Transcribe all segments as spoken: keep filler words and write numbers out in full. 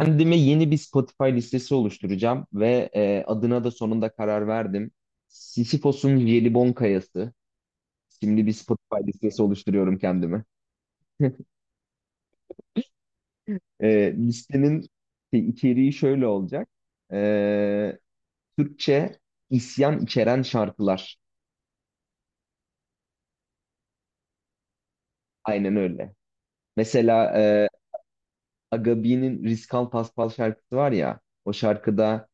Kendime yeni bir Spotify listesi oluşturacağım ve e, adına da sonunda karar verdim. Sisyphos'un Jelibon Kayası. Şimdi bir Spotify listesi oluşturuyorum kendime. E, listenin şey, içeriği şöyle olacak. E, Türkçe isyan içeren şarkılar. Aynen öyle. Mesela e, Agabi'nin Riskal Paspal şarkısı var ya. O şarkıda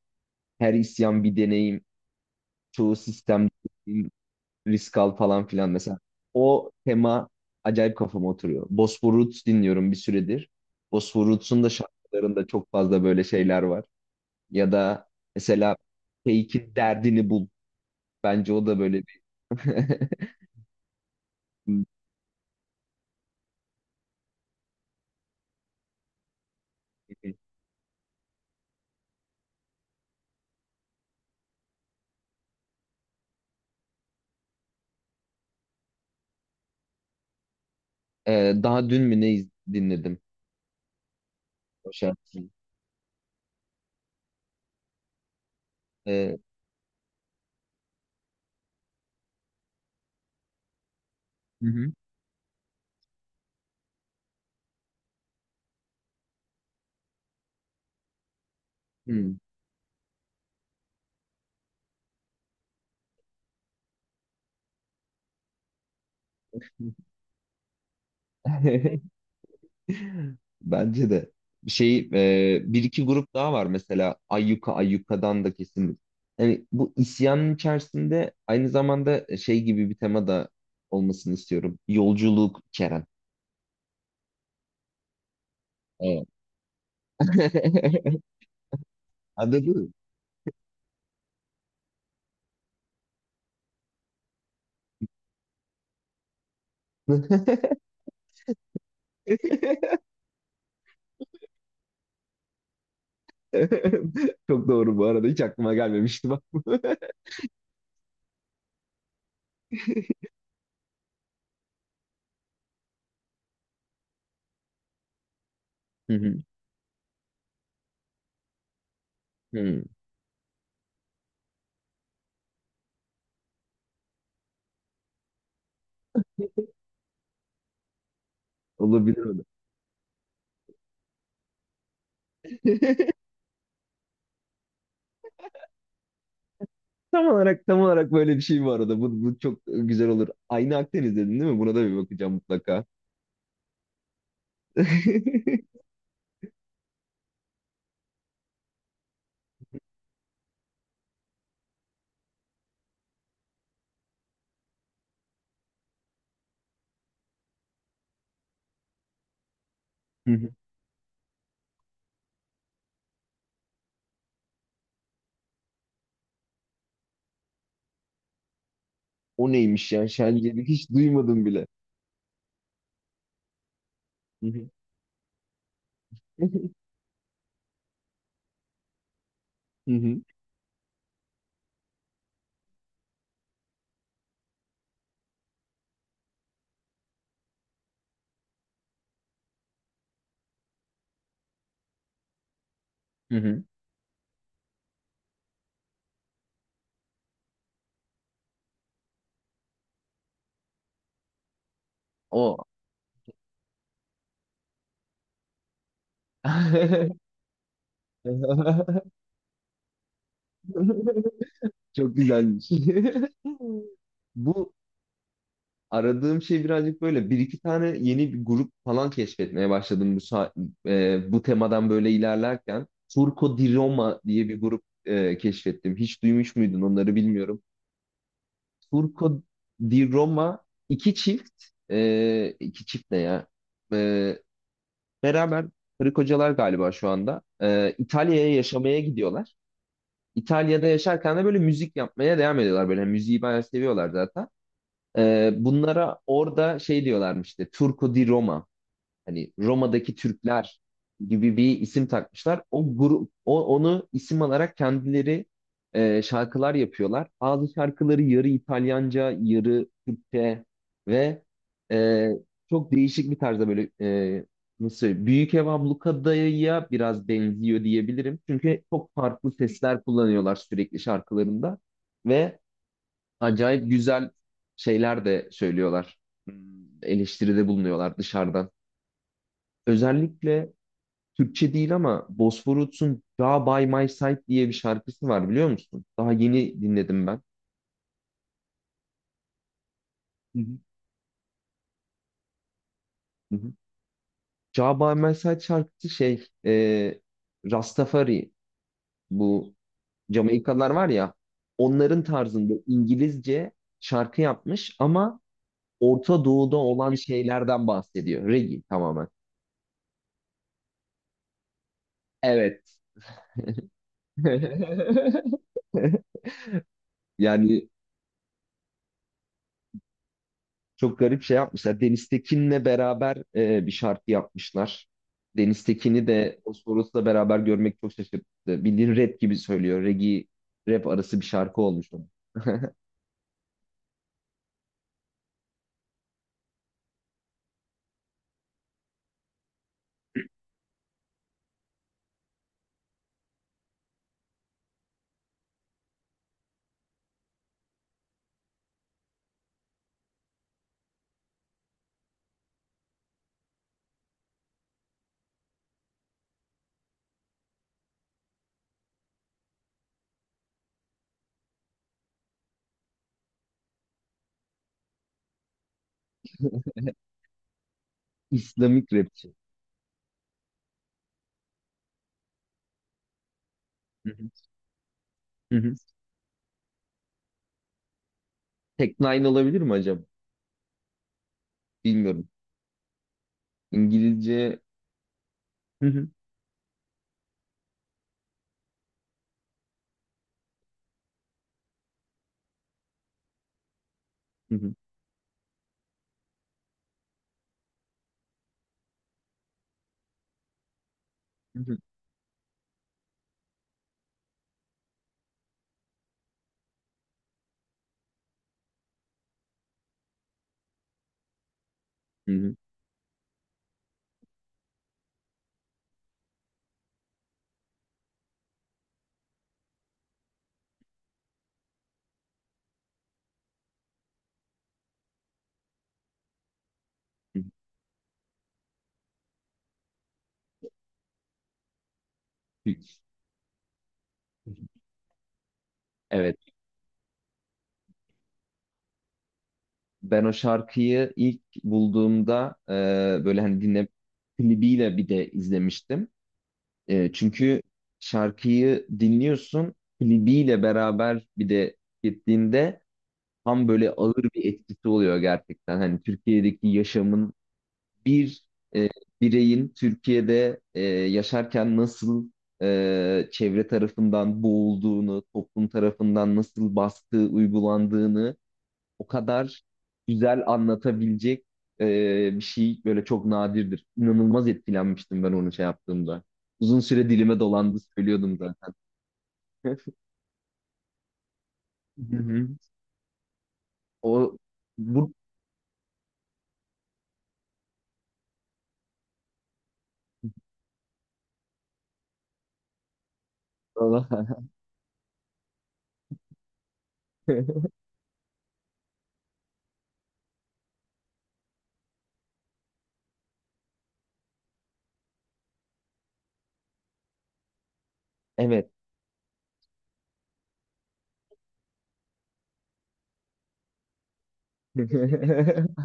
her isyan bir deneyim, çoğu sistem risk al falan filan mesela. O tema acayip kafama oturuyor. Bosphor Roots dinliyorum bir süredir. Bosphor Roots'un da şarkılarında çok fazla böyle şeyler var. Ya da mesela Fake'in Derdini Bul. Bence o da böyle bir... Ee, daha dün mü ne iz- dinledim o şarkıyı? Ee, hı hı. Hı. Bence de. Şey, e, bir iki grup daha var mesela Ayyuka, Ayyuka'dan da kesin. Yani bu isyanın içerisinde aynı zamanda şey gibi bir tema da olmasını istiyorum. Yolculuk Kerem. Evet. Anladın mı? Çok doğru bu arada. Hiç aklıma gelmemişti bak. Hı hı. Hı. Olabilir o da. Tam olarak, tam olarak böyle bir şey bu arada. Bu, bu çok güzel olur. Aynı Akdeniz dedin değil mi? Buna da bir bakacağım mutlaka. Hı hı. O neymiş ya? Şencelik hiç duymadım bile. Hı hı. Hı hı. Hı hı. O. Çok güzelmiş. Bu aradığım şey birazcık böyle. Bir iki tane yeni bir grup falan keşfetmeye başladım bu sa- e, bu temadan böyle ilerlerken. Turco di Roma diye bir grup e, keşfettim. Hiç duymuş muydun onları bilmiyorum. Turco di Roma iki çift, e, iki çift ne ya? E, Beraber Hırık hocalar galiba şu anda. Ee, İtalya'ya yaşamaya gidiyorlar. İtalya'da yaşarken de böyle müzik yapmaya devam ediyorlar. Böyle müziği bayağı seviyorlar zaten. Ee, bunlara orada şey diyorlarmış işte, Turco di Roma, hani Roma'daki Türkler gibi bir isim takmışlar. O grup o, onu isim alarak kendileri e, şarkılar yapıyorlar. Bazı şarkıları yarı İtalyanca, yarı Türkçe ve e, çok değişik bir tarzda böyle, e, nasıl söyleyeyim? Büyük Ev Ablukada'ya biraz benziyor diyebilirim. Çünkü çok farklı sesler kullanıyorlar sürekli şarkılarında ve acayip güzel şeyler de söylüyorlar. Hmm. Eleştiride bulunuyorlar dışarıdan. Özellikle Türkçe değil ama Bosphorus'un Ja by My Side diye bir şarkısı var, biliyor musun? Daha yeni dinledim ben. Hı hı. Hı hı. Ja by My Side şarkısı şey, e, Rastafari, bu Jamaikalılar var ya, onların tarzında İngilizce şarkı yapmış ama Orta Doğu'da olan şeylerden bahsediyor. Reggae tamamen. Evet. Yani, çok garip şey yapmışlar. Deniz Tekin'le beraber e, bir şarkı yapmışlar. Deniz Tekin'i de Bosporus'la beraber görmek çok şaşırttı. Bildiğin rap gibi söylüyor. Reggae rap arası bir şarkı olmuş onun. İslamik rapçi. Hı hı. Hı hı. Tek Nine olabilir mi acaba? Bilmiyorum. İngilizce. Hı hı. Hı hı. Hı hı. Hı hı. Hı hı. Hiç. Hı hı. Evet. Ben o şarkıyı ilk bulduğumda, e, böyle hani dinle, klibiyle bir de izlemiştim. E, çünkü şarkıyı dinliyorsun, klibiyle beraber bir de gittiğinde tam böyle ağır bir etkisi oluyor gerçekten. Hani Türkiye'deki yaşamın bir, e, bireyin Türkiye'de e, yaşarken nasıl e, çevre tarafından boğulduğunu, toplum tarafından nasıl baskı uygulandığını o kadar güzel anlatabilecek e, bir şey böyle çok nadirdir. İnanılmaz etkilenmiştim ben onu şey yaptığımda. Uzun süre dilime dolandı, söylüyordum zaten. Hı hı. O bu. Evet.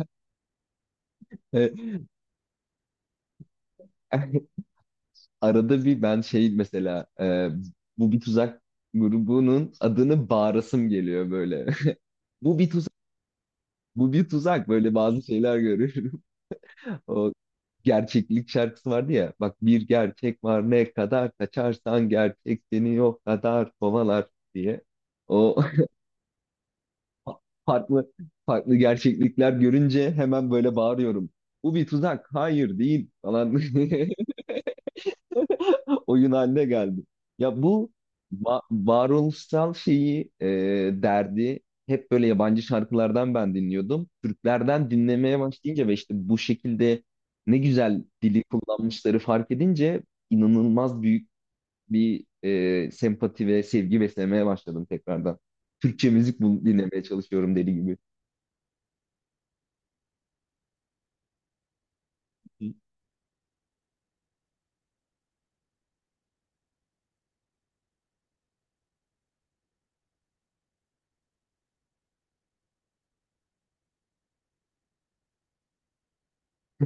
Arada bir ben şey, mesela, e, bu bir tuzak grubunun adını bağırasım geliyor böyle. Bu bir tuzak, bu bir tuzak, böyle bazı şeyler görüyorum. O gerçeklik şarkısı vardı ya. Bak, bir gerçek var, ne kadar kaçarsan gerçek seni yok kadar kovalar diye. O farklı, farklı gerçeklikler görünce hemen böyle bağırıyorum. Bu bir tuzak. Hayır değil falan. Oyun haline geldi. Ya bu va- varoluşsal şeyi, e, derdi hep böyle yabancı şarkılardan ben dinliyordum. Türklerden dinlemeye başlayınca ve işte bu şekilde ne güzel dili kullanmışları fark edince inanılmaz büyük bir e, sempati ve sevgi beslemeye başladım tekrardan. Türkçe müzik bul- dinlemeye çalışıyorum deli gibi.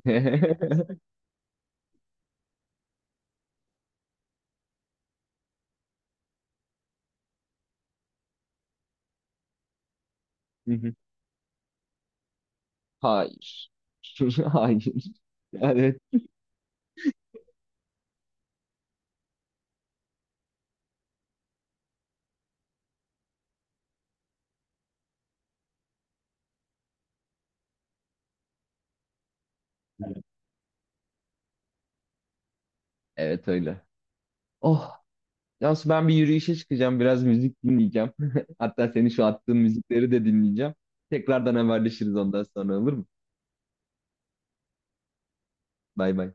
Hayır. Hayır. Evet. Evet öyle. Oh. Cansu, ben bir yürüyüşe çıkacağım. Biraz müzik dinleyeceğim. Hatta senin şu attığın müzikleri de dinleyeceğim. Tekrardan haberleşiriz ondan sonra, olur mu? Bay bay.